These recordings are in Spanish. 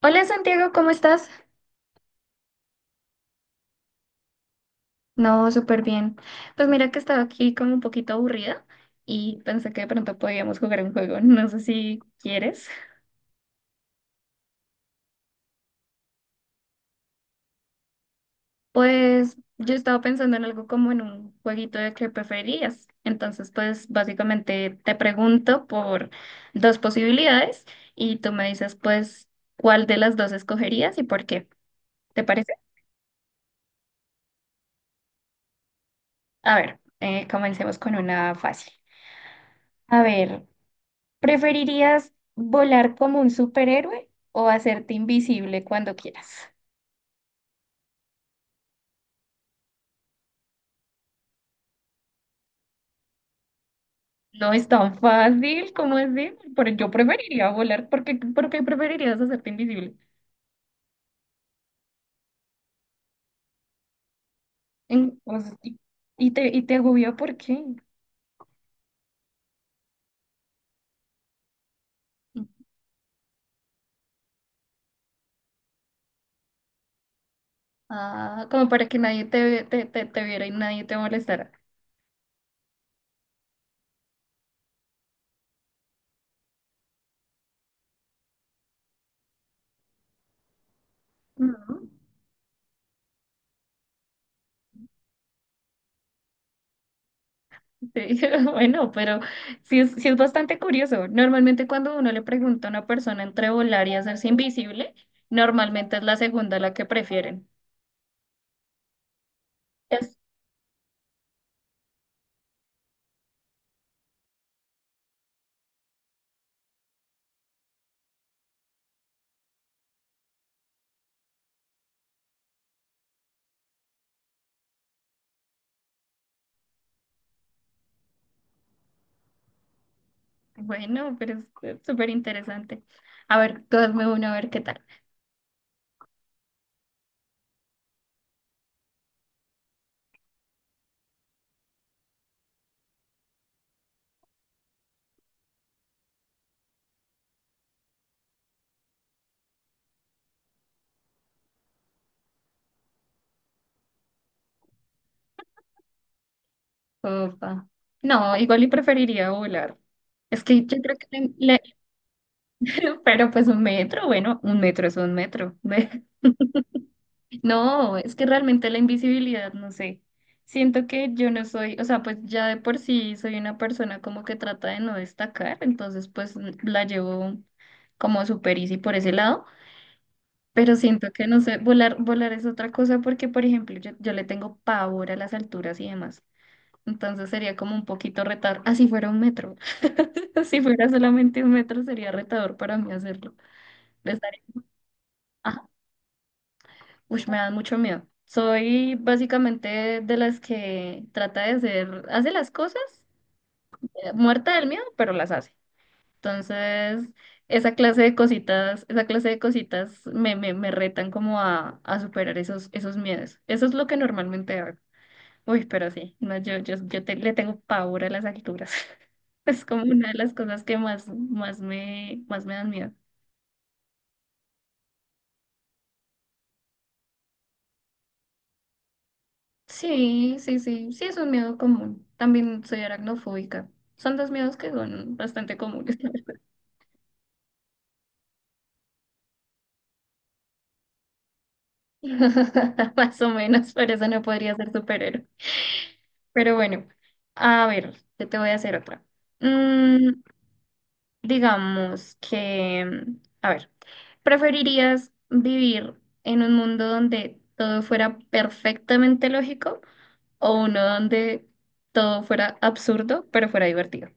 Hola Santiago, ¿cómo estás? No, súper bien. Pues mira que estaba aquí como un poquito aburrida y pensé que de pronto podíamos jugar un juego. No sé si quieres. Pues yo estaba pensando en algo como en un jueguito de qué preferías. Entonces, pues básicamente te pregunto por dos posibilidades y tú me dices pues cuál de las dos escogerías y por qué. ¿Te parece? A ver, comencemos con una fácil. A ver. ¿Preferirías volar como un superhéroe o hacerte invisible cuando quieras? No es tan fácil como es decir, pero yo preferiría volar. Por qué preferirías hacerte invisible? En- o sea, y, y te agobia, ¿por qué? Ah, como para que nadie te viera y nadie te molestara. No. Sí, bueno, pero sí es bastante curioso. Normalmente cuando uno le pregunta a una persona entre volar y hacerse invisible, normalmente es la segunda la que prefieren. Bueno, pero es súper interesante. A ver, tú hazme uno, a ver qué tal. Opa. No, igual y preferiría volar. Es que yo creo que, le- le- Pero pues un metro, bueno, un metro es un metro. No, es que realmente la invisibilidad, no sé. Siento que yo no soy, o sea, pues ya de por sí soy una persona como que trata de no destacar, entonces pues la llevo como super easy por ese lado. Pero siento que no sé, volar es otra cosa porque, por ejemplo, yo le tengo pavor a las alturas y demás. Entonces sería como un poquito retador. Así fuera un metro. Si fuera solamente un metro sería retador para mí hacerlo. Les daría- ah, uy, me da mucho miedo. Soy básicamente de las que trata de hacer, hace las cosas, muerta del miedo, pero las hace. Entonces, esa clase de cositas me retan como a superar esos miedos. Eso es lo que normalmente hago. Uy, pero sí, no, le tengo pavor a las alturas. Es como una de las cosas que más me dan miedo. Sí, sí, sí, sí, es un miedo común. También soy aracnofóbica. Son dos miedos que son bastante comunes. Más o menos, por eso no podría ser superhéroe. Pero bueno, a ver, yo te voy a hacer otra. Mm, digamos que, a ver, ¿preferirías vivir en un mundo donde todo fuera perfectamente lógico o uno donde todo fuera absurdo, pero fuera divertido?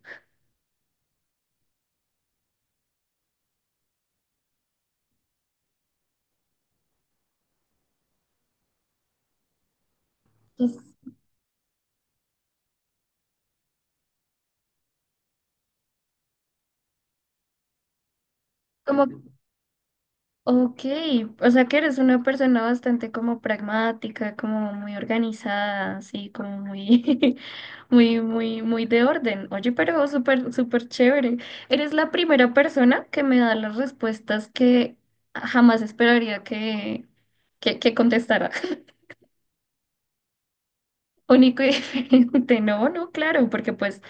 Es como. Ok, o sea que eres una persona bastante como pragmática, como muy organizada, así como muy, muy, de orden. Oye, pero súper chévere. Eres la primera persona que me da las respuestas que jamás esperaría que contestara. Único y diferente. No, no, claro, porque pues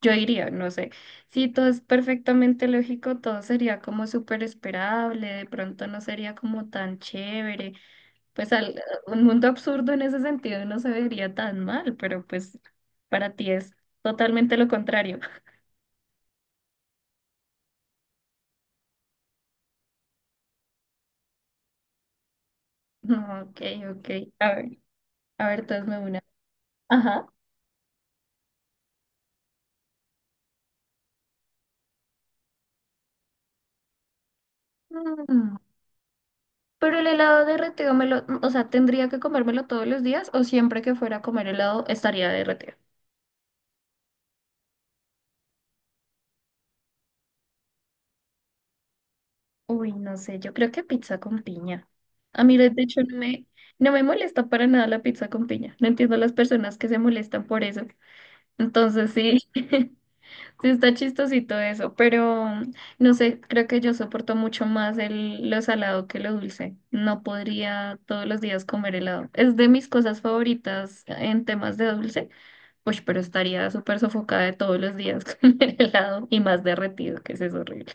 yo diría, no sé, si todo es perfectamente lógico, todo sería como súper esperable, de pronto no sería como tan chévere. Pues al- un mundo absurdo en ese sentido no se vería tan mal, pero pues para ti es totalmente lo contrario. No, Ok, ok. A ver, a ver, entonces me una. Ajá. Mm, pero el helado derretido me lo, o sea, ¿tendría que comérmelo todos los días o siempre que fuera a comer helado estaría derretido? Uy, no sé, yo creo que pizza con piña. A mí, de hecho, no me molesta para nada la pizza con piña. No entiendo las personas que se molestan por eso. Entonces, sí. Sí, está chistosito eso, pero no sé, creo que yo soporto mucho más lo salado que lo dulce. No podría todos los días comer helado. Es de mis cosas favoritas en temas de dulce, pues, pero estaría súper sofocada de todos los días con el helado y más derretido, que eso es horrible.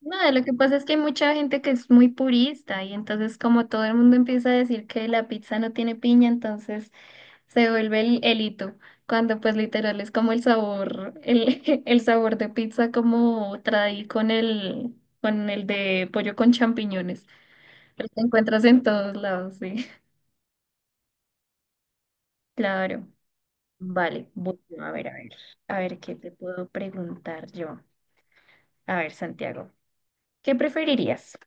Nada, lo que pasa es que hay mucha gente que es muy purista y entonces como todo el mundo empieza a decir que la pizza no tiene piña, entonces se vuelve el hito, cuando pues literal es como el sabor de pizza como traí con el de pollo con champiñones. Los encuentras en todos lados, sí. Claro. Vale, bueno, a ver, a ver, a ver qué te puedo preguntar yo. A ver, Santiago, ¿qué preferirías?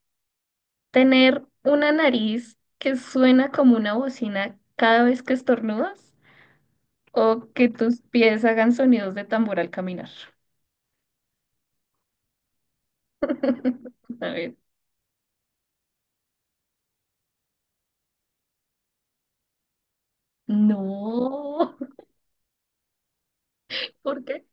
Tener una nariz que suena como una bocina cada vez que estornudas o que tus pies hagan sonidos de tambor al caminar. A ver. No, ¿por qué?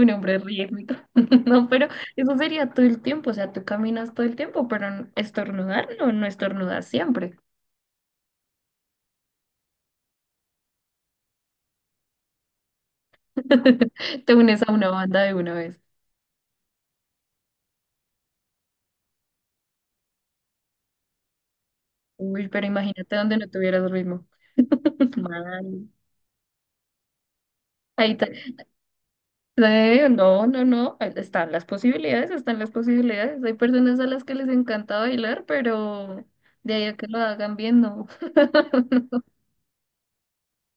Un hombre rítmico. No, pero eso sería todo el tiempo, o sea, tú caminas todo el tiempo, pero estornudar no, no estornudas siempre. Te unes a una banda de una vez. Uy, pero imagínate donde no tuvieras ritmo. Mal. Ahí. No, no, no, están están las posibilidades. Hay personas a las que les encanta bailar, pero de ahí a que lo hagan bien, no.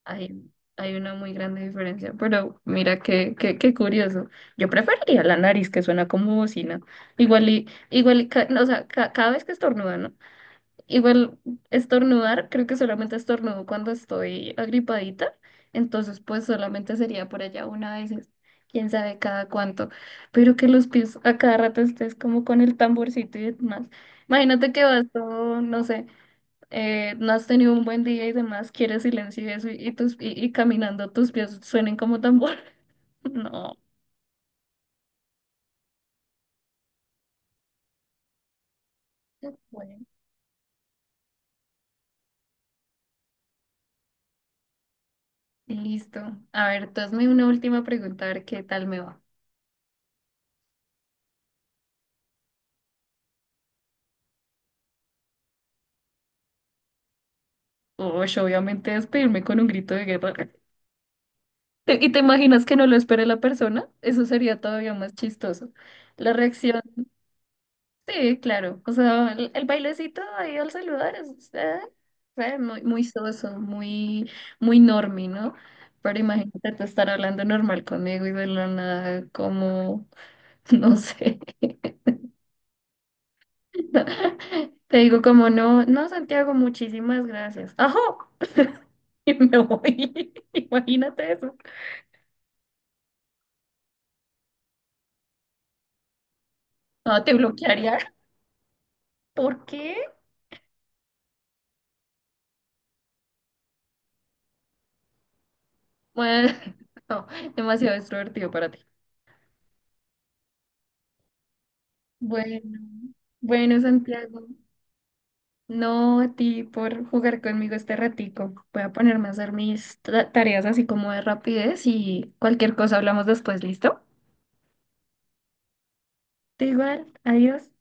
Hay, hay una muy grande diferencia, pero mira qué curioso. Yo preferiría la nariz que suena como bocina. No, o sea, ca- cada vez que estornudan, igual estornudar, creo que solamente estornudo cuando estoy agripadita, entonces pues solamente sería por allá una vez, quién sabe cada cuánto, pero que los pies a cada rato estés como con el tamborcito y demás. Imagínate que vas todo, no sé, no has tenido un buen día y demás, quieres silencio y eso, y caminando tus pies suenen como tambor. No. Bueno, listo. A ver, tú hazme una última pregunta, a ver qué tal me va. Uy, obviamente despedirme con un grito de guerra. ¿Y te imaginas que no lo espere la persona? Eso sería todavía más chistoso. La reacción, sí, claro. O sea, el bailecito ahí al saludar es muy soso, muy, muy normy, ¿no? Pero imagínate tú estar hablando normal conmigo y de la nada, como, no sé. Te digo como, no, no, Santiago, muchísimas gracias. ¡Ajo! Y me voy. Imagínate eso. No, te bloquearía. ¿Por qué? Bueno, no, demasiado extrovertido para ti. Bueno, bueno, Santiago. No, a ti por jugar conmigo este ratico. Voy a ponerme a hacer mis tareas así como de rapidez y cualquier cosa hablamos después, ¿listo? Te igual, adiós.